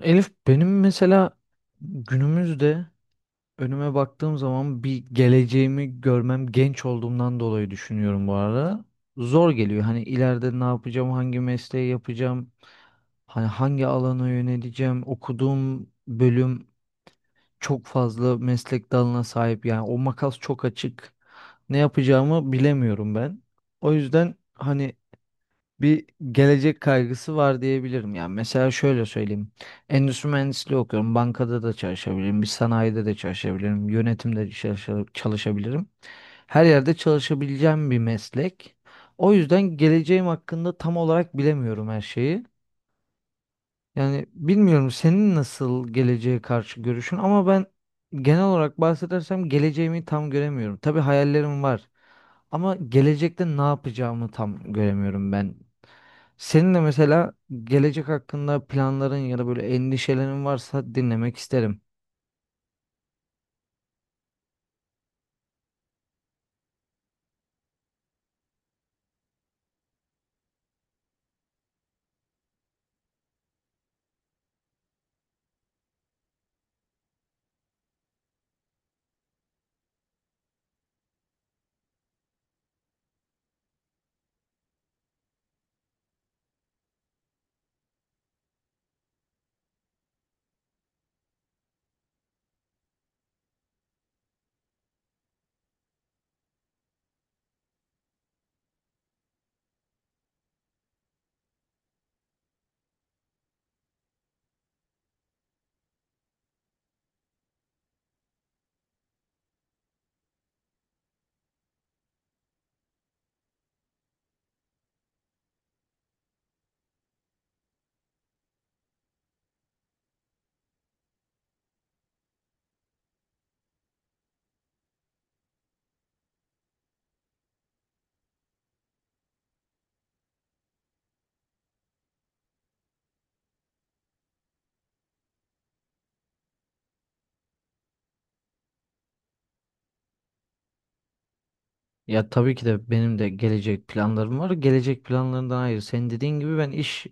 Elif benim mesela günümüzde önüme baktığım zaman bir geleceğimi görmem genç olduğumdan dolayı düşünüyorum bu arada. Zor geliyor. Hani ileride ne yapacağım, hangi mesleği yapacağım, hani hangi alana yöneleceğim. Okuduğum bölüm çok fazla meslek dalına sahip. Yani o makas çok açık. Ne yapacağımı bilemiyorum ben. O yüzden hani bir gelecek kaygısı var diyebilirim. Yani mesela şöyle söyleyeyim. Endüstri mühendisliği okuyorum. Bankada da çalışabilirim. Bir sanayide de çalışabilirim. Yönetimde çalışabilirim. Her yerde çalışabileceğim bir meslek. O yüzden geleceğim hakkında tam olarak bilemiyorum her şeyi. Yani bilmiyorum senin nasıl geleceğe karşı görüşün ama ben genel olarak bahsedersem geleceğimi tam göremiyorum. Tabii hayallerim var. Ama gelecekte ne yapacağımı tam göremiyorum ben. Senin de mesela gelecek hakkında planların ya da böyle endişelerin varsa dinlemek isterim. Ya tabii ki de benim de gelecek planlarım var. Gelecek planlarından ayrı. Senin dediğin gibi ben iş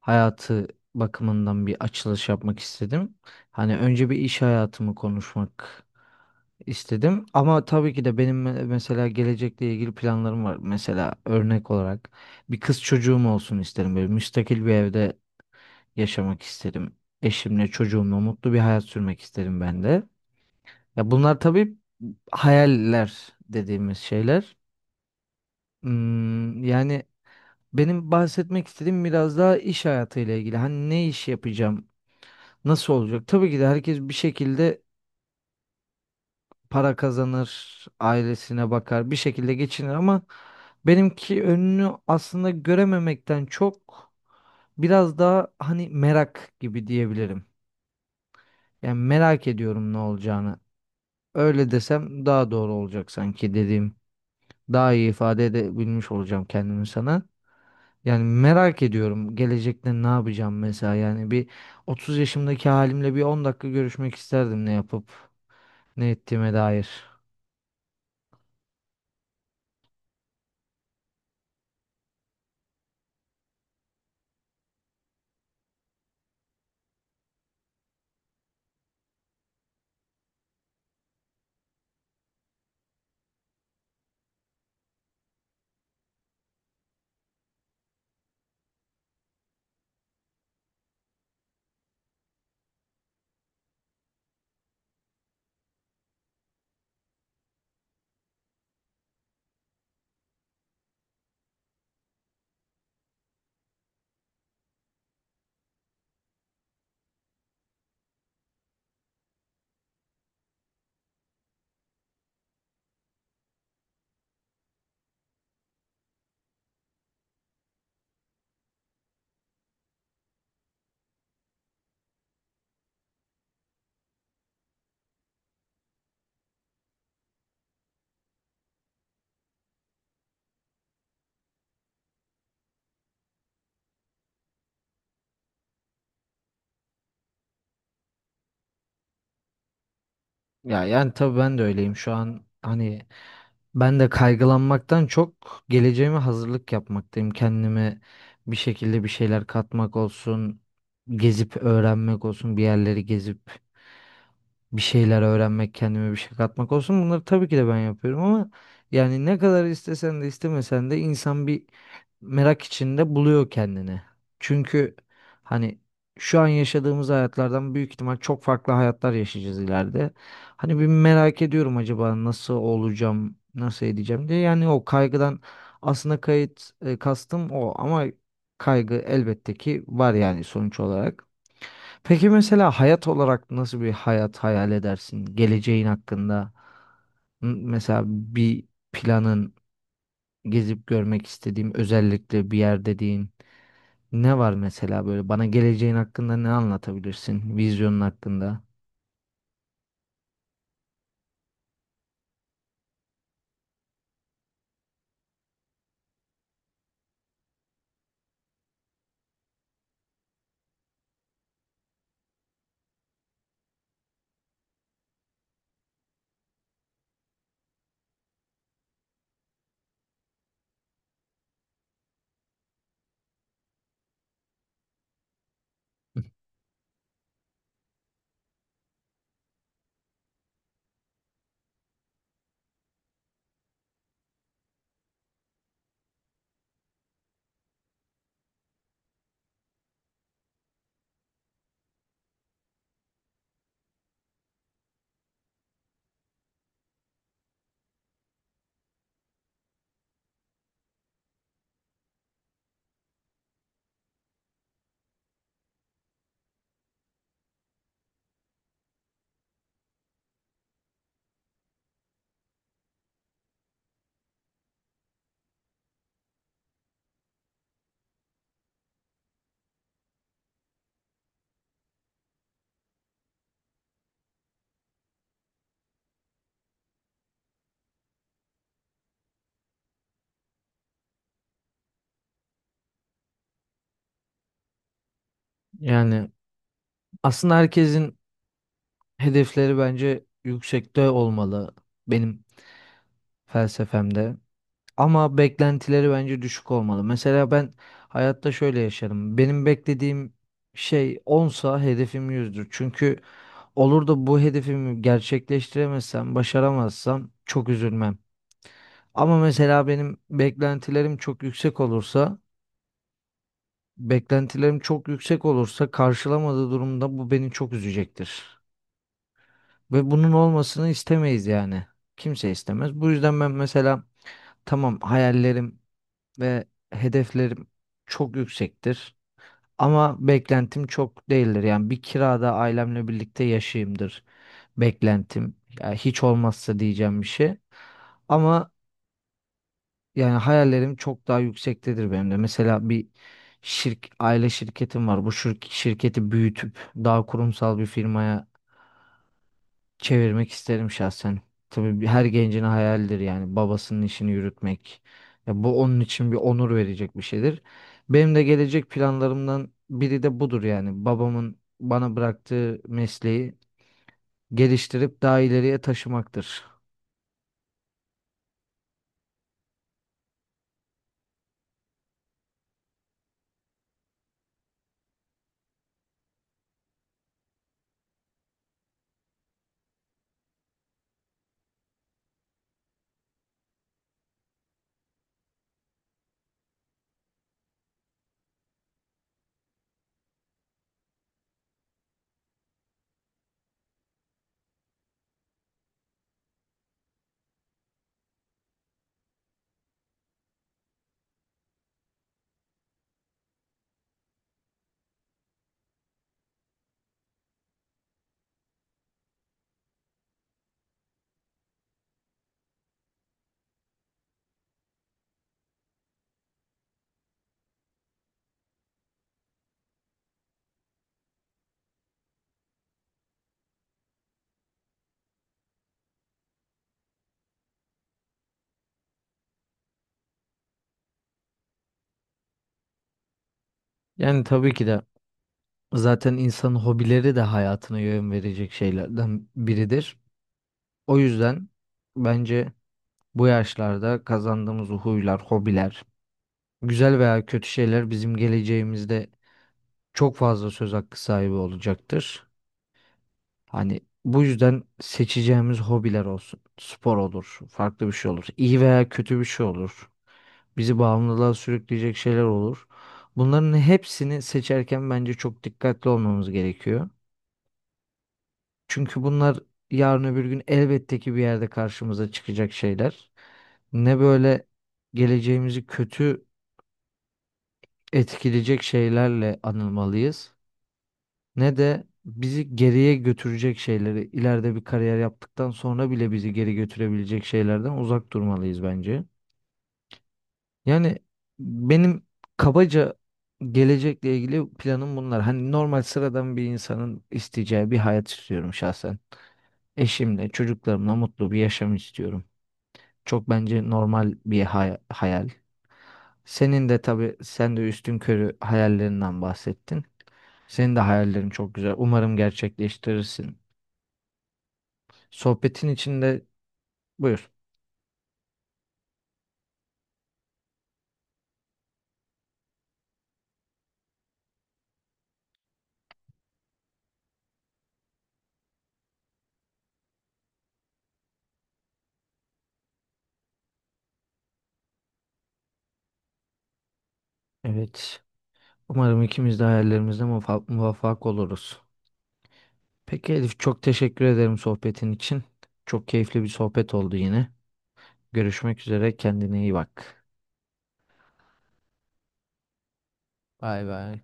hayatı bakımından bir açılış yapmak istedim. Hani önce bir iş hayatımı konuşmak istedim. Ama tabii ki de benim mesela gelecekle ilgili planlarım var. Mesela örnek olarak bir kız çocuğum olsun isterim. Böyle müstakil bir evde yaşamak isterim. Eşimle, çocuğumla mutlu bir hayat sürmek isterim ben de. Ya bunlar tabii hayaller dediğimiz şeyler. Hmm, yani benim bahsetmek istediğim biraz daha iş hayatıyla ilgili. Hani ne iş yapacağım? Nasıl olacak? Tabii ki de herkes bir şekilde para kazanır, ailesine bakar, bir şekilde geçinir ama benimki önünü aslında görememekten çok biraz daha hani merak gibi diyebilirim. Yani merak ediyorum ne olacağını. Öyle desem daha doğru olacak sanki dediğim. Daha iyi ifade edebilmiş olacağım kendimi sana. Yani merak ediyorum gelecekte ne yapacağım mesela. Yani bir 30 yaşımdaki halimle bir 10 dakika görüşmek isterdim ne yapıp ne ettiğime dair. Ya yani tabii ben de öyleyim şu an. Hani ben de kaygılanmaktan çok geleceğime hazırlık yapmaktayım. Kendime bir şekilde bir şeyler katmak olsun, gezip öğrenmek olsun, bir yerleri gezip bir şeyler öğrenmek, kendime bir şey katmak olsun. Bunları tabii ki de ben yapıyorum ama yani ne kadar istesen de istemesen de insan bir merak içinde buluyor kendini. Çünkü hani şu an yaşadığımız hayatlardan büyük ihtimal çok farklı hayatlar yaşayacağız ileride. Hani bir merak ediyorum acaba nasıl olacağım, nasıl edeceğim diye. Yani o kaygıdan aslında kastım o ama kaygı elbette ki var yani sonuç olarak. Peki mesela hayat olarak nasıl bir hayat hayal edersin? Geleceğin hakkında mesela bir planın, gezip görmek istediğim özellikle bir yer dediğin ne var mesela böyle bana geleceğin hakkında ne anlatabilirsin? Vizyonun hakkında. Yani aslında herkesin hedefleri bence yüksekte olmalı benim felsefemde. Ama beklentileri bence düşük olmalı. Mesela ben hayatta şöyle yaşarım. Benim beklediğim şey onsa hedefim yüzdür. Çünkü olur da bu hedefimi gerçekleştiremezsem, başaramazsam çok üzülmem. Ama mesela benim beklentilerim çok yüksek olursa, karşılamadığı durumda bu beni çok üzecektir. Ve bunun olmasını istemeyiz yani. Kimse istemez. Bu yüzden ben mesela tamam hayallerim ve hedeflerim çok yüksektir. Ama beklentim çok değildir. Yani bir kirada ailemle birlikte yaşayayımdır beklentim. Yani hiç olmazsa diyeceğim bir şey. Ama yani hayallerim çok daha yüksektedir benim de. Mesela bir aile şirketim var. Bu şirketi büyütüp daha kurumsal bir firmaya çevirmek isterim şahsen. Tabii her gencin hayalidir yani babasının işini yürütmek. Ya bu onun için bir onur verecek bir şeydir. Benim de gelecek planlarımdan biri de budur yani. Babamın bana bıraktığı mesleği geliştirip daha ileriye taşımaktır. Yani tabii ki de zaten insanın hobileri de hayatına yön verecek şeylerden biridir. O yüzden bence bu yaşlarda kazandığımız huylar, hobiler, güzel veya kötü şeyler bizim geleceğimizde çok fazla söz hakkı sahibi olacaktır. Hani bu yüzden seçeceğimiz hobiler olsun. Spor olur, farklı bir şey olur. İyi veya kötü bir şey olur. Bizi bağımlılığa sürükleyecek şeyler olur. Bunların hepsini seçerken bence çok dikkatli olmamız gerekiyor. Çünkü bunlar yarın öbür gün elbette ki bir yerde karşımıza çıkacak şeyler. Ne böyle geleceğimizi kötü etkileyecek şeylerle anılmalıyız, ne de bizi geriye götürecek şeyleri, ileride bir kariyer yaptıktan sonra bile bizi geri götürebilecek şeylerden uzak durmalıyız bence. Yani benim kabaca gelecekle ilgili planım bunlar. Hani normal sıradan bir insanın isteyeceği bir hayat istiyorum şahsen. Eşimle, çocuklarımla mutlu bir yaşam istiyorum. Çok bence normal bir hayal. Senin de tabii sen de üstün körü hayallerinden bahsettin. Senin de hayallerin çok güzel. Umarım gerçekleştirirsin. Sohbetin içinde buyur. Evet. Umarım ikimiz de hayallerimizde muvaffak oluruz. Peki Elif çok teşekkür ederim sohbetin için. Çok keyifli bir sohbet oldu yine. Görüşmek üzere. Kendine iyi bak. Bay bay.